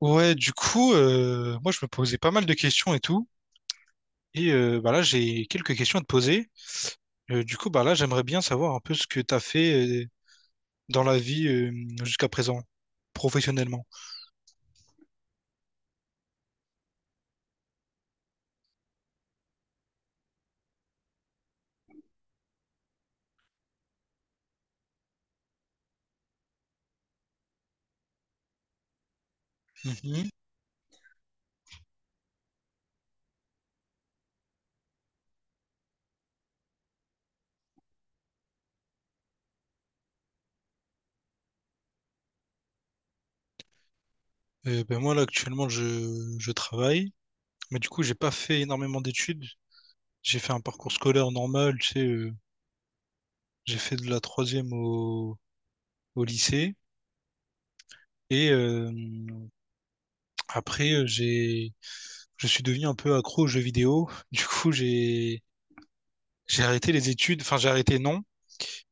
Ouais, du coup, moi je me posais pas mal de questions et tout. Bah là, j'ai quelques questions à te poser. Du coup, bah là, j'aimerais bien savoir un peu ce que t'as fait dans la vie jusqu'à présent, professionnellement. Mhm. Ben moi là, actuellement, je travaille, mais du coup, j'ai pas fait énormément d'études. J'ai fait un parcours scolaire normal, tu sais, j'ai fait de la troisième au lycée. Et euh, après, je suis devenu un peu accro aux jeux vidéo. J'ai arrêté les études, enfin j'ai arrêté non,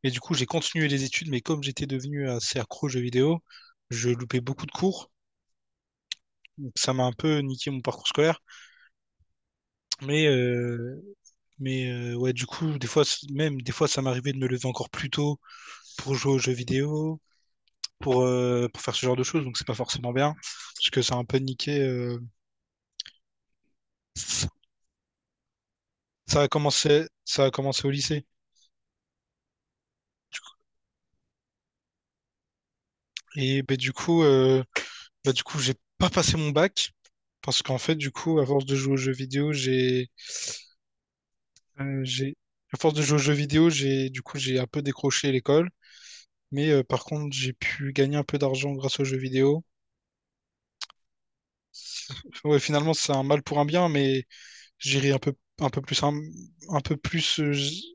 mais du coup j'ai continué les études, mais comme j'étais devenu assez accro aux jeux vidéo, je loupais beaucoup de cours, donc ça m'a un peu niqué mon parcours scolaire. Mais, euh, ouais, du coup, des fois, même des fois, ça m'arrivait de me lever encore plus tôt pour jouer aux jeux vidéo, pour faire ce genre de choses, donc c'est pas forcément bien, parce que ça a un peu niqué. Ça a commencé au lycée. Et ben, du coup, euh, Bah, du coup, j'ai pas passé mon bac parce qu'en fait, du coup, à force de jouer aux jeux vidéo, j'ai à force de jouer aux jeux vidéo, j'ai un peu décroché l'école, mais par contre, j'ai pu gagner un peu d'argent grâce aux jeux vidéo. Ouais, finalement, c'est un mal pour un bien, mais j'irai un peu plus un, un peu plus j-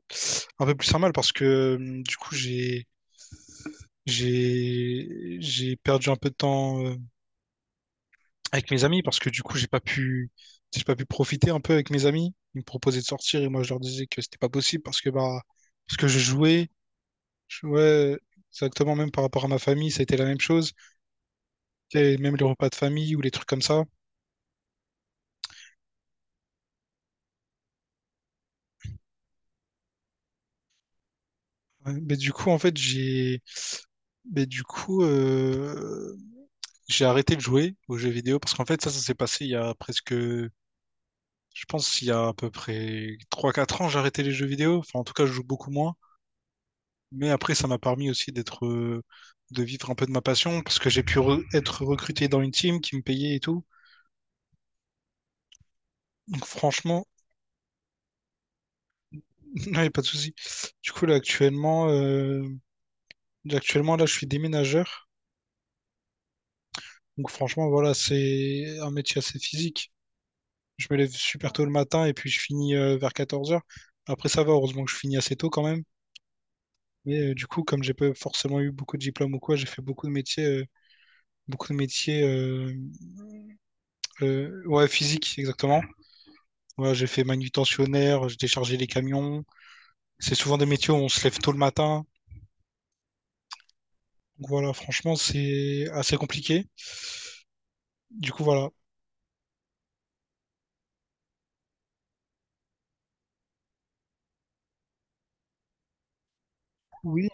un peu plus un mal parce que du coup, j'ai perdu un peu de temps avec mes amis parce que du coup, j'ai pas pu profiter un peu avec mes amis. Ils me proposaient de sortir et moi, je leur disais que c'était pas possible parce que, bah, parce que je jouais exactement. Même par rapport à ma famille, ça a été la même chose. Tu sais, même les repas de famille ou les trucs comme ça. Ouais, Mais du coup, en fait, j'ai, mais du coup, J'ai arrêté de jouer aux jeux vidéo parce qu'en fait, ça s'est passé il y a presque, je pense, il y a à peu près trois quatre ans, j'ai arrêté les jeux vidéo. Enfin, en tout cas, je joue beaucoup moins. Mais après, ça m'a permis aussi de vivre un peu de ma passion parce que j'ai pu être recruté dans une team qui me payait et tout. Donc franchement, il n'y a pas de souci. Du coup, là, actuellement, euh, Actuellement, là, je suis déménageur. Donc franchement, voilà, c'est un métier assez physique. Je me lève super tôt le matin et puis je finis vers 14 heures. Après, ça va, heureusement que je finis assez tôt quand même. Mais du coup, comme j'ai pas forcément eu beaucoup de diplômes ou quoi, j'ai fait beaucoup de métiers, beaucoup de métiers, euh, ouais, physiques, exactement. Ouais, j'ai fait manutentionnaire, j'ai déchargé les camions. C'est souvent des métiers où on se lève tôt le matin. Donc voilà, franchement, c'est assez compliqué. Du coup, voilà. Oui.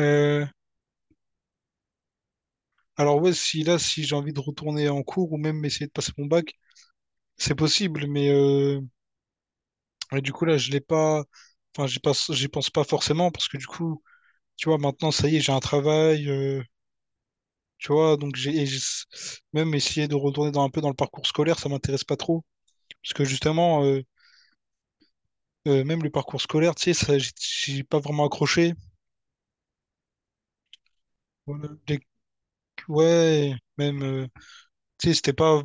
Euh, alors ouais, si j'ai envie de retourner en cours ou même essayer de passer mon bac, c'est possible, mais ouais, du coup là, je l'ai pas. Enfin, j'y pense pas forcément parce que du coup, tu vois, maintenant, ça y est, j'ai un travail. Tu vois, donc même essayé de retourner dans un peu dans le parcours scolaire, ça m'intéresse pas trop. Parce que justement, euh, Même le parcours scolaire, tu sais, ça, j'ai pas vraiment accroché. Voilà. Ouais, tu sais,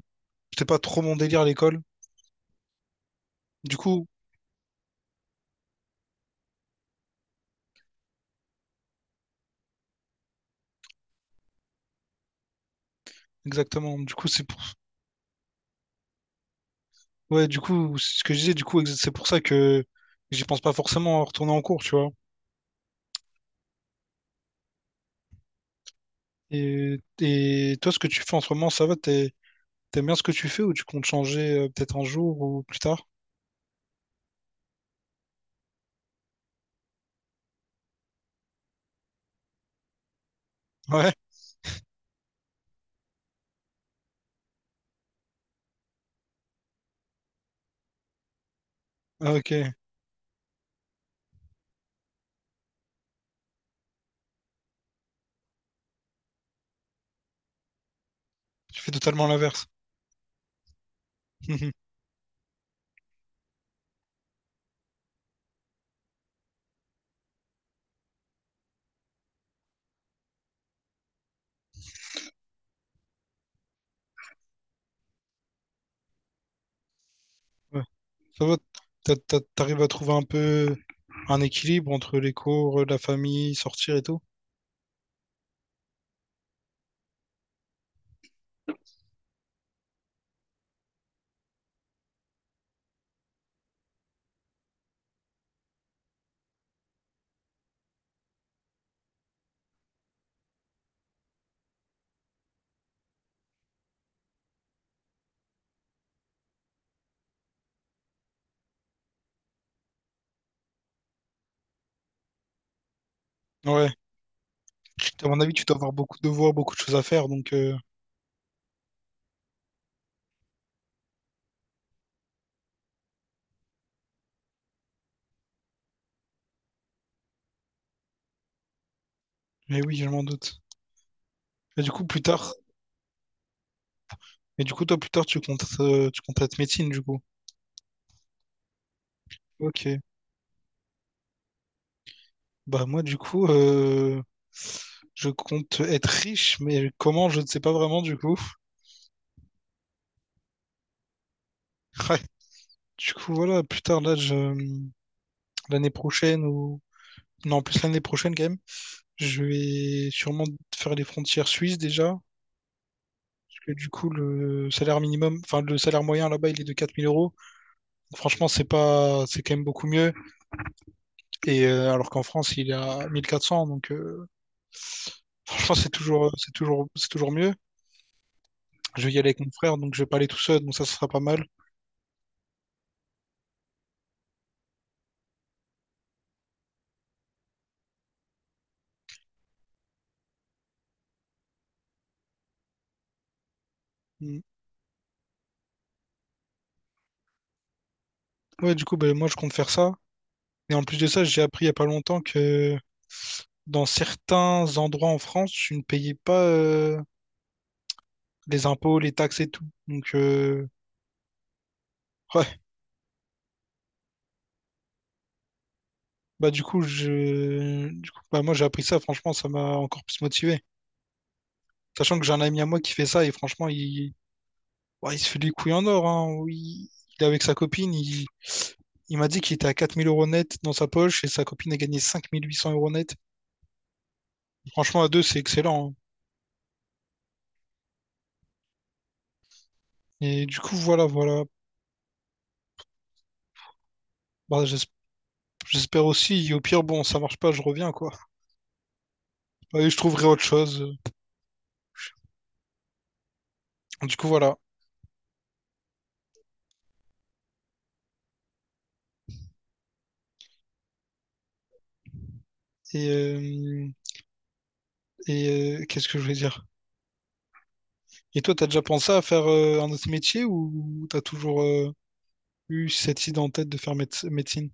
c'était pas trop mon délire à l'école. Du coup, exactement. Ouais, du coup, c'est ce que je disais, du coup, c'est pour ça que j'y pense pas forcément à retourner en cours, tu vois. Et toi, ce que tu fais en ce moment, ça va, t'aimes bien ce que tu fais ou tu comptes changer peut-être un jour ou plus tard? Ouais, ah, ok. Tu fais totalement l'inverse. Ça va, t'arrives à trouver un peu un équilibre entre les cours, la famille, sortir et tout? Ouais. À mon avis, tu dois avoir beaucoup de devoirs, beaucoup de choses à faire, donc mais oui, je m'en doute. Et du coup, plus tard, et du coup, toi, plus tard, tu comptes être médecine, du coup. Ok. Bah moi du coup je compte être riche mais comment je ne sais pas vraiment du coup. Ouais, du coup voilà plus tard là je l'année prochaine ou non plus l'année prochaine quand même je vais sûrement faire les frontières suisses déjà parce que du coup le salaire moyen là-bas il est de 4 000 euros. Donc, franchement c'est pas c'est quand même beaucoup mieux, et alors qu'en France il est à mille quatre cents, donc franchement c'est toujours mieux. Je vais y aller avec mon frère donc je vais pas aller tout seul donc ça ce sera pas mal. Ouais, du coup, ben, moi, je compte faire ça. Et en plus de ça, j'ai appris il y a pas longtemps que dans certains endroits en France, tu ne payais pas les impôts, les taxes et tout. Donc, ouais, bah du coup, je... du coup bah, moi, j'ai appris ça. Franchement, ça m'a encore plus motivé. Sachant que j'ai un ami à moi qui fait ça et franchement, ouais, il se fait les couilles en or. Hein. Il est avec sa copine. Il m'a dit qu'il était à 4 000 euros net dans sa poche et sa copine a gagné 5 800 euros net. Franchement, à deux, c'est excellent. Hein. Et du coup, voilà, voilà. Bah, je- J'espère aussi. Et au pire, bon, ça marche pas, je reviens, quoi. Et je trouverai autre chose. Du coup, voilà. Et, euh, Qu'est-ce que je voulais dire? Et toi, t'as déjà pensé à faire un autre métier ou t'as toujours eu cette idée en tête de faire médecine?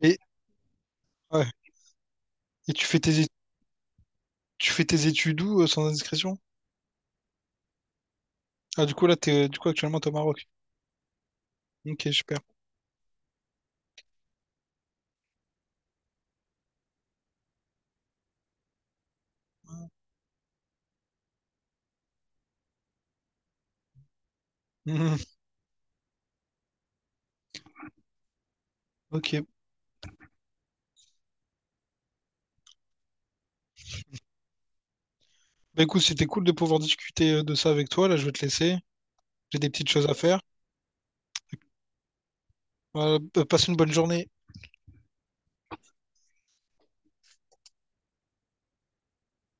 Et, ouais. Et tu fais tes, é- Tu fais tes études où, sans indiscrétion? Ah, du coup, actuellement, t'es au Maroc. Ok, super. Mhm. Ok. Bah écoute, c'était cool de pouvoir discuter de ça avec toi. Là, je vais te laisser. J'ai des petites choses à faire. Voilà, passe une bonne journée.